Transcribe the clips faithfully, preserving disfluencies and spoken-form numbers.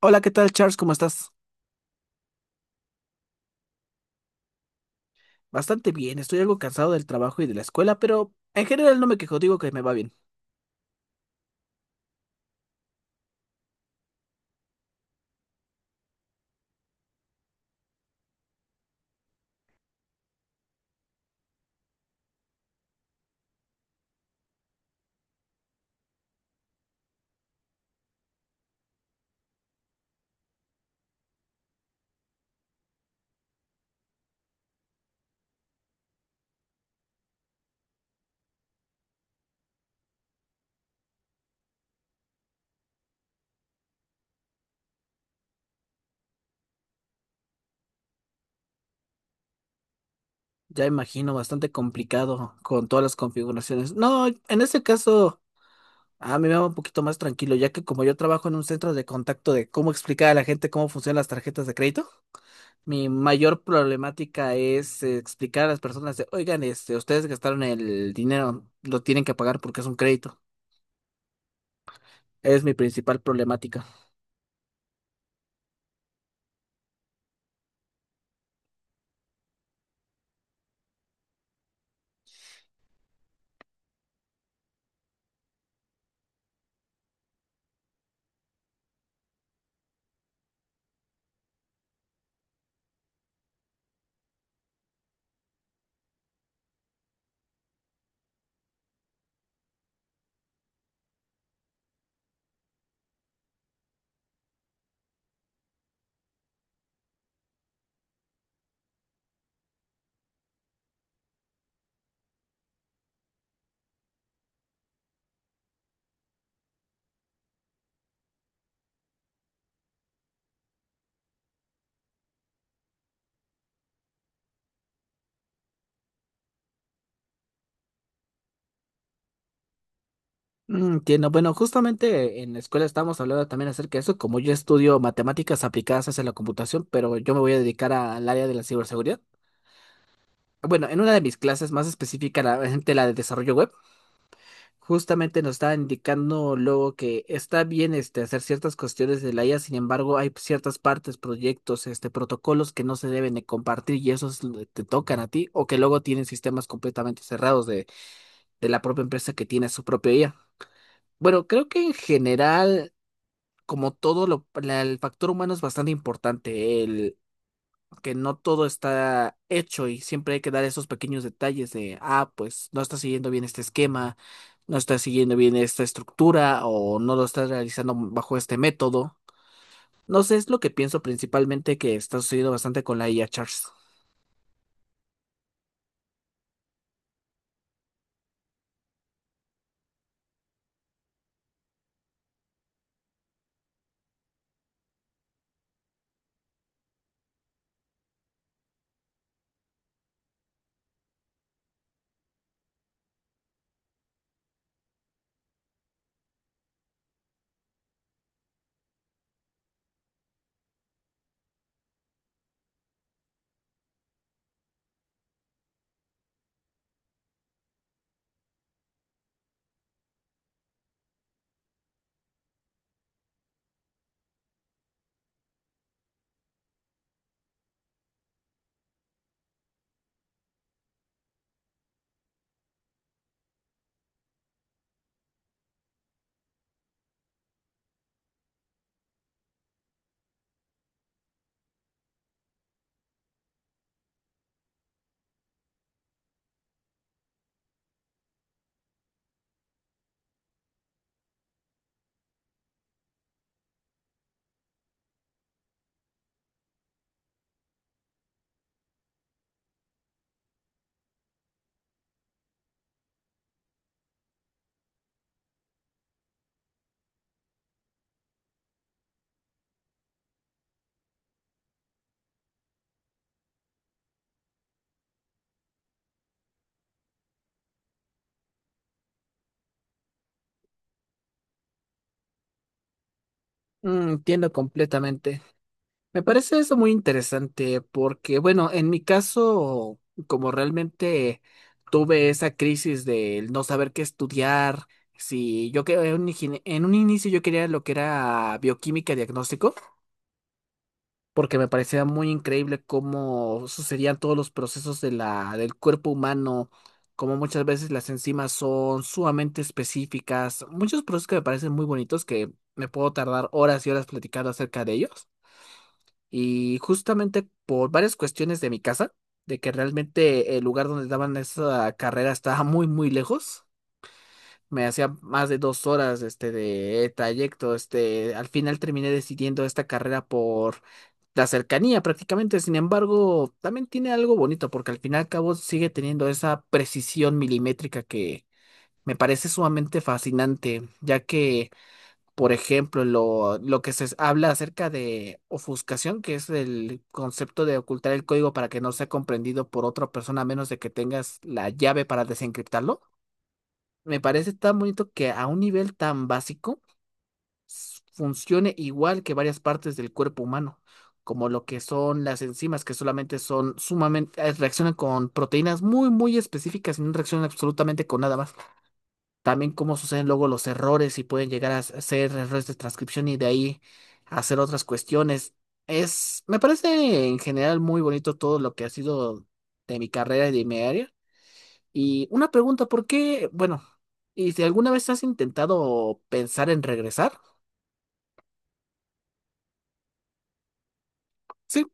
Hola, ¿qué tal, Charles? ¿Cómo estás? Bastante bien, estoy algo cansado del trabajo y de la escuela, pero en general no me quejo, digo que me va bien. Ya imagino, bastante complicado con todas las configuraciones. No, en ese caso, a mí me va un poquito más tranquilo, ya que como yo trabajo en un centro de contacto de cómo explicar a la gente cómo funcionan las tarjetas de crédito, mi mayor problemática es eh, explicar a las personas de, oigan, este, ustedes gastaron el dinero, lo tienen que pagar porque es un crédito. Es mi principal problemática. Mm, entiendo. Bueno, justamente en la escuela estábamos hablando también acerca de eso. Como yo estudio matemáticas aplicadas hacia la computación, pero yo me voy a dedicar a- al área de la ciberseguridad. Bueno, en una de mis clases más específica, la, de la de desarrollo web, justamente nos está indicando luego que está bien este, hacer ciertas cuestiones de la I A. Sin embargo, hay ciertas partes, proyectos, este, protocolos que no se deben de compartir y esos lo- te tocan a ti, o que luego tienen sistemas completamente cerrados de, de la propia empresa que tiene su propia I A. Bueno, creo que en general, como todo, lo, la- el factor humano es bastante importante, el que no todo está hecho y siempre hay que dar esos pequeños detalles de, ah, pues no está siguiendo bien este esquema, no está siguiendo bien esta estructura o no lo está realizando bajo este método. No sé, es lo que pienso principalmente que está sucediendo bastante con la I A, Charles. Mm, entiendo completamente. Me parece eso muy interesante porque, bueno, en mi caso, como realmente tuve esa crisis del no saber qué estudiar, si yo que en un ingenie- en un inicio yo quería lo que era bioquímica diagnóstico, porque me parecía muy increíble cómo sucedían todos los procesos de la, del cuerpo humano, cómo muchas veces las enzimas son sumamente específicas, muchos procesos que me parecen muy bonitos que me puedo tardar horas y horas platicando acerca de ellos. Y justamente por varias cuestiones de mi casa, de que realmente el lugar donde daban esa carrera estaba muy, muy lejos, me hacía más de dos horas este, de trayecto. Este, al final terminé decidiendo esta carrera por la cercanía prácticamente. Sin embargo, también tiene algo bonito porque al fin y al cabo sigue teniendo esa precisión milimétrica que me parece sumamente fascinante, ya que por ejemplo, lo, lo que se habla acerca de ofuscación, que es el concepto de ocultar el código para que no sea comprendido por otra persona a menos de que tengas la llave para desencriptarlo. Me parece tan bonito que a un nivel tan básico s- funcione igual que varias partes del cuerpo humano, como lo que son las enzimas, que solamente son sumamente, eh, reaccionan con proteínas muy, muy específicas y no reaccionan absolutamente con nada más. También cómo suceden luego los errores y pueden llegar a ser errores de transcripción y de ahí hacer otras cuestiones. Es, me parece en general muy bonito todo lo que ha sido de mi carrera y de mi área. Y una pregunta, ¿por qué? Bueno, ¿y si alguna vez has intentado pensar en regresar? Sí,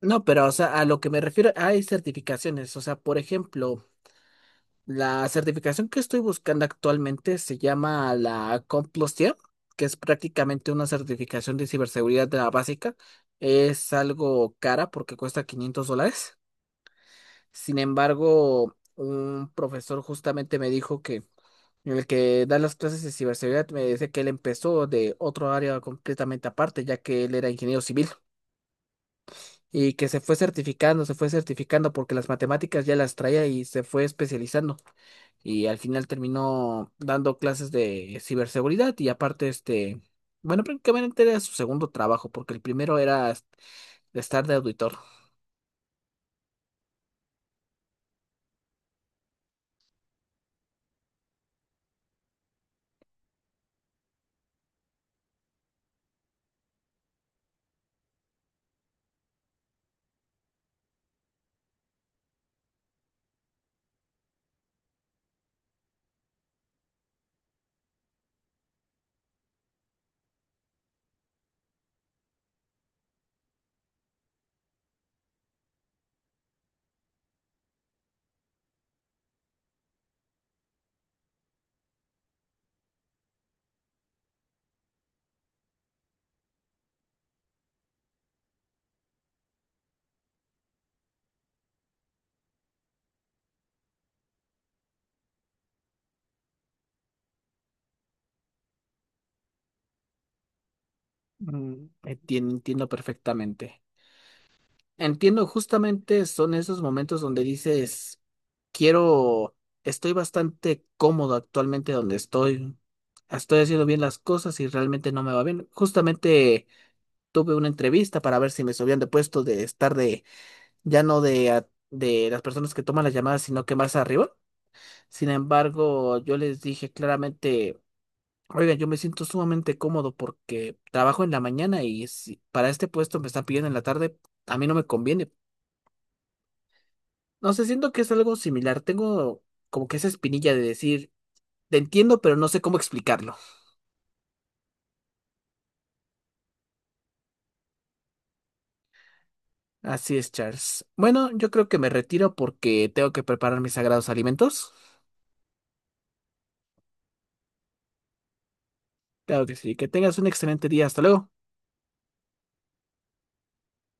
no, pero o sea, a lo que me refiero, hay certificaciones. O sea, por ejemplo, la certificación que estoy buscando actualmente se llama la CompTIA, que es prácticamente una certificación de ciberseguridad de la básica. Es algo cara porque cuesta quinientos dólares. Sin embargo, un profesor justamente me dijo que el que da las clases de ciberseguridad me dice que él empezó de otro área completamente aparte, ya que él era ingeniero civil y que se fue certificando, se fue certificando porque las matemáticas ya las traía y se fue especializando y al final terminó dando clases de ciberseguridad y aparte este, bueno, prácticamente era su segundo trabajo porque el primero era est- estar de auditor. Mm, entien- entiendo perfectamente. Entiendo, justamente son esos momentos donde dices, quiero, estoy bastante cómodo actualmente donde estoy. Estoy haciendo bien las cosas y realmente no me va bien. Justamente tuve una entrevista para ver si me subían de puesto de estar de, ya no de, a- de las personas que toman las llamadas, sino que más arriba. Sin embargo, yo les dije claramente, oigan, yo me siento sumamente cómodo porque trabajo en la mañana y si para este puesto me están pidiendo en la tarde, a mí no me conviene. No sé, siento que es algo similar. Tengo como que esa espinilla de decir, te entiendo, pero no sé cómo explicarlo. Así es, Charles. Bueno, yo creo que me retiro porque tengo que preparar mis sagrados alimentos. Claro que sí. Que tengas un excelente día. Hasta luego.